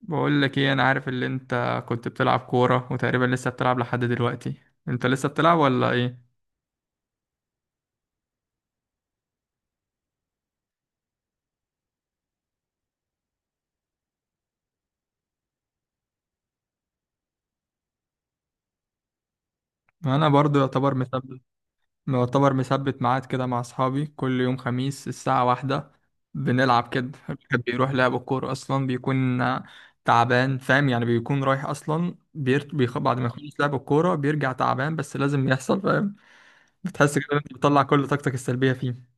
بقول لك ايه؟ انا عارف اللي انت كنت بتلعب كورة، وتقريبا لسه بتلعب لحد دلوقتي. انت لسه بتلعب ولا ايه؟ انا برضو يعتبر مثبت، يعتبر مثبت ميعاد كده مع اصحابي كل يوم خميس الساعة واحدة. بنلعب كده. الواحد بيروح لعب الكورة اصلا بيكون تعبان، فاهم؟ يعني بيكون رايح اصلا بعد ما يخلص لعب الكورة بيرجع تعبان، بس لازم يحصل. فاهم؟ بتحس كده إن انت بتطلع كل طاقتك السلبية فيه.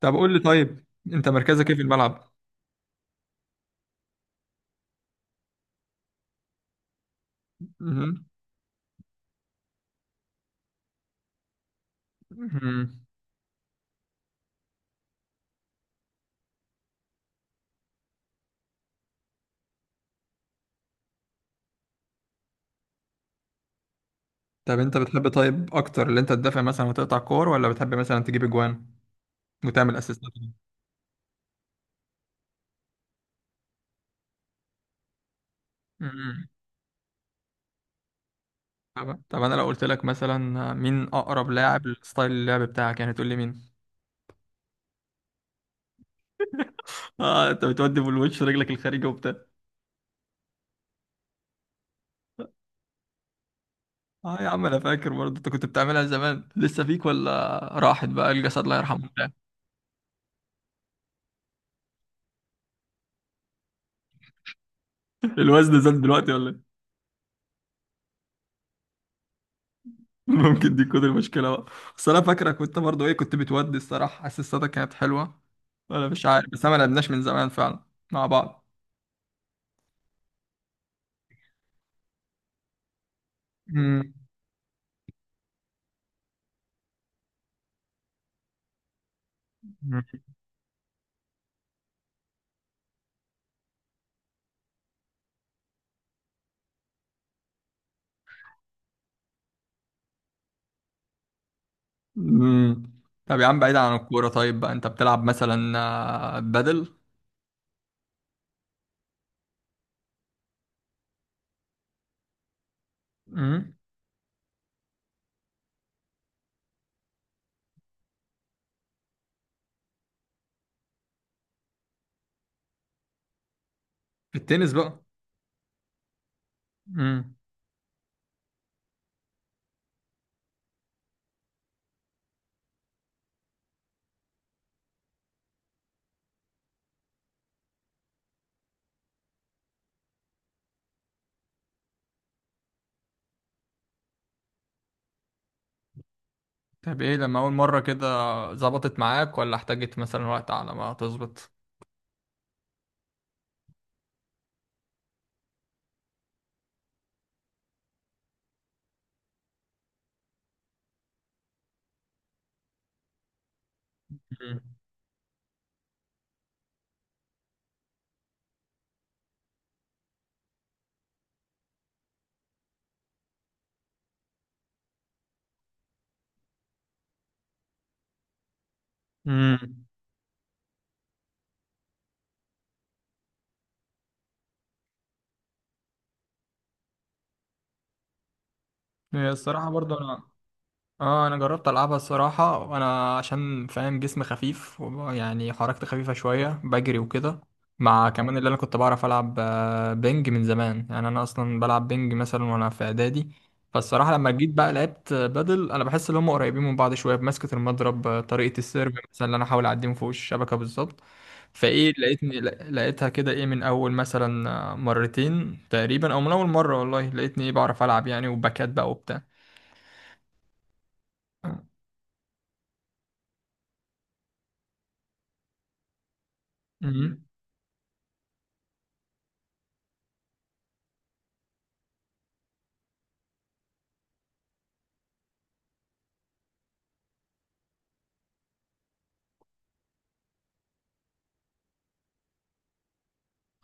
طب قول لي طيب، انت مركزك ايه في الملعب؟ مهم. مهم. طب انت بتحب طيب اكتر اللي انت تدافع مثلا وتقطع كور، ولا بتحب مثلا تجيب اجوان وتعمل اسيستات؟ امم. طب انا لو قلت لك مثلا مين اقرب لاعب لستايل اللعب بتاعك، يعني تقول لي مين؟ اه، انت بتودي بالوش رجلك الخارجي وبتاع. اه يا عم، انا فاكر برضه انت كنت بتعملها زمان، لسه فيك ولا راحت بقى الجسد الله يرحمه بتاع؟ الوزن زاد دلوقتي ولا ايه؟ ممكن دي تكون المشكله بقى. بس انا فاكرك، وانت برضه ايه كنت بتودي، الصراحه اسيستاتك كانت حلوه ولا مش عارف. بس انا ما لعبناش من زمان فعلا مع بعض. امم. مم. طب يا عم بعيد عن الكورة طيب، بقى انت بتلعب مثلا بدل. مم. في التنس بقى؟ مم. طب ايه لما اول مرة كده ظبطت معاك، ولا احتاجت مثلا وقت على ما تظبط؟ مم. مم. هي الصراحة برضه انا. اه، انا جربت العبها الصراحه، وانا عشان فاهم جسمي خفيف يعني حركتي خفيفه شويه بجري وكده. مع كمان اللي انا كنت بعرف العب بينج من زمان. يعني انا اصلا بلعب بينج مثلا وانا في اعدادي. فالصراحه لما جيت بقى لعبت بدل، انا بحس ان هم قريبين من بعض شويه، بمسكه المضرب طريقه السيرف مثلا اللي انا احاول اعدي من فوق الشبكه بالظبط. فايه، لقيتني لا- لقيتها كده ايه من اول مثلا مرتين تقريبا او من اول مره، والله لقيتني ايه بعرف العب، يعني وباكات بقى وبتاع. مم.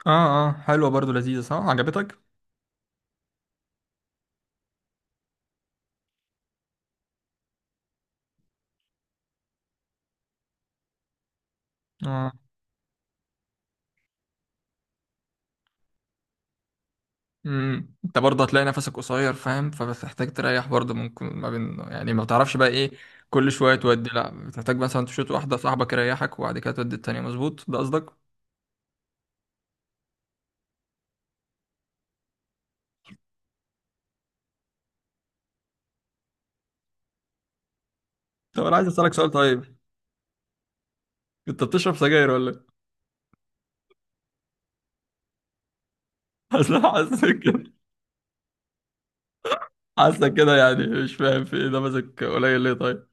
اه اه، حلوة برضو، لذيذة، صح عجبتك؟ اه. انت برضه هتلاقي نفسك قصير، فاهم؟ فبتحتاج تريح برضه، ممكن ما بين، يعني ما بتعرفش بقى ايه. كل شوية تودي، لا بتحتاج مثلا تشوت واحدة صاحبك يريحك وبعد كده تودي التانية، مظبوط ده قصدك؟ طب انا عايز اسألك سؤال طيب، انت بتشرب سجاير ولا إيه؟ اصل أنا حاسك كده. حاسك كده، يعني مش فاهم في ايه، ده ماسك قليل ليه طيب؟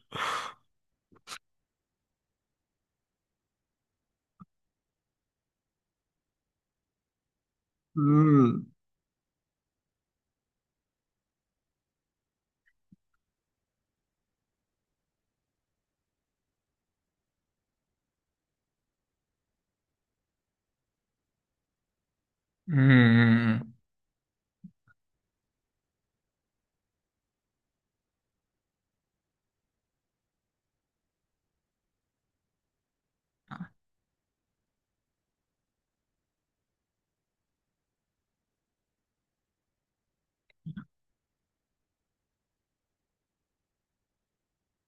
امم. امم.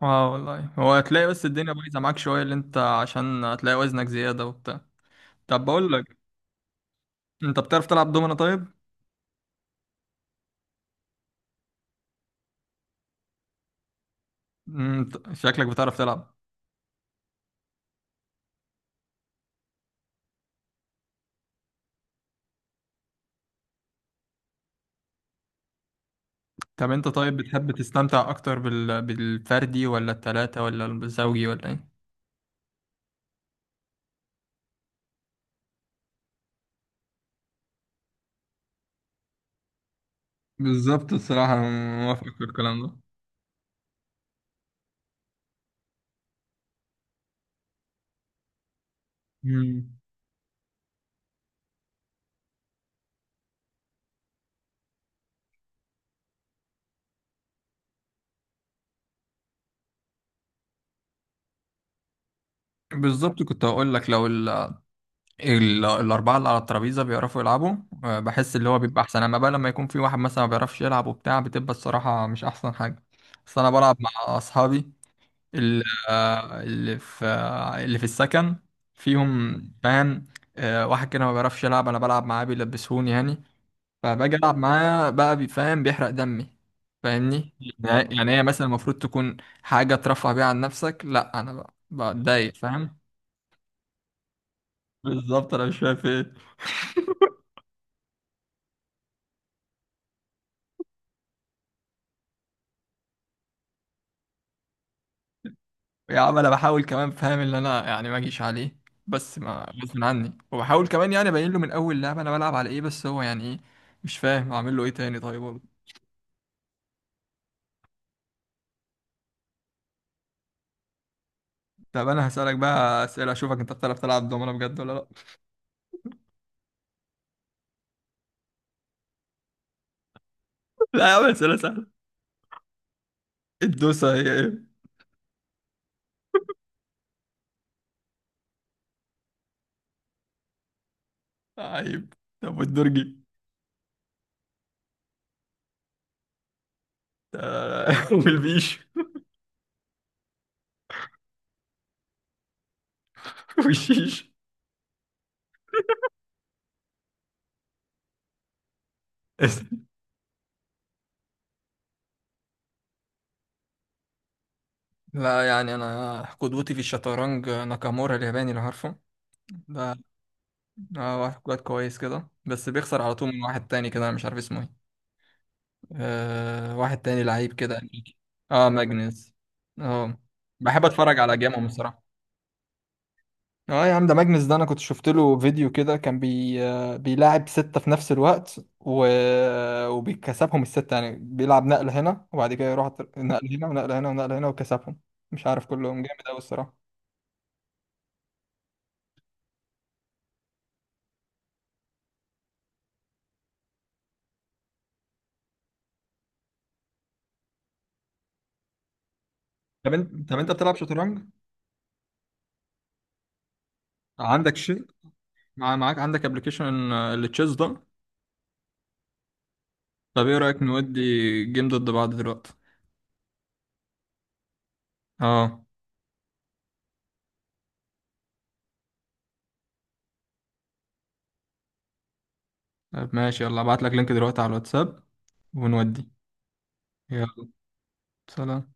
اه والله، هو هتلاقي بس الدنيا بايظة معاك شوية اللي انت، عشان هتلاقي وزنك زيادة وبتاع. طب بقول لك، انت بتعرف تلعب دومنة طيب؟ مم، شكلك بتعرف تلعب. طب انت طيب بتحب تستمتع اكتر بالفردي ولا التلاتة ولا الزوجي ولا ايه؟ بالظبط، الصراحة أنا موافقك في الكلام ده. مم. بالظبط، كنت هقول لك لو الأربعة اللي على الترابيزة بيعرفوا يلعبوا. بحس اللي هو بيبقى أحسن، أما بقى لما يكون في واحد مثلا ما بيعرفش يلعب وبتاع بتبقى الصراحة مش أحسن حاجة. بس أنا بلعب مع أصحابي، ال- اللي في اللي في السكن، فيهم بان واحد كده ما بيعرفش يلعب، انا بلعب معاه بيلبسوني يعني. فباجي العب معاه بقى فاهم؟ بيحرق دمي، فاهمني؟ يعني هي مثلا المفروض تكون حاجه ترفه بيها عن نفسك. لا انا بقى بتضايق، فاهم؟ بالظبط، انا مش فاهم في ايه. يا عم انا بحاول كمان، فاهم، ان انا يعني ما اجيش عليه، بس ما غصب عني، وبحاول كمان يعني ابين له من اول لعبه انا بلعب على ايه، بس هو يعني ايه. مش فاهم اعمل له ايه تاني طيب؟ طب انا هسألك بقى اسئله اشوفك انت بتعرف تلعب دومنه بجد ولا لا. لا يا عم، اسئله سهله. الدوسه هي ايه؟ عيب! طب والدرجي؟ آه. والبيش؟ والشيش؟ لا، يعني انا قدوتي في الشطرنج ناكامورا الياباني اللي عارفه ده. واحد كويس كويس كده، بس بيخسر على طول من واحد تاني كده، أنا مش عارف اسمه ايه. واحد تاني لعيب كده أمريكي. اه ماجنس، اه. بحب اتفرج على جيمهم الصراحه. اه يا عم، ده ماجنس ده انا كنت شفت له فيديو كده، كان بي آه، بيلاعب ستة في نفس الوقت وبيكسبهم الستة، يعني بيلعب نقل هنا وبعد كده يروح نقل هنا ونقل هنا ونقل هنا وكسبهم. مش عارف كلهم جامد قوي الصراحة. طب انت بتلعب شطرنج؟ عندك شيء، معاك عندك ابلكيشن اللي تشيز ده؟ طب ايه رأيك نودي جيم ضد بعض دلوقتي؟ اه. طب ماشي، يلا ابعت لك لينك دلوقتي على الواتساب ونودي. يلا، سلام.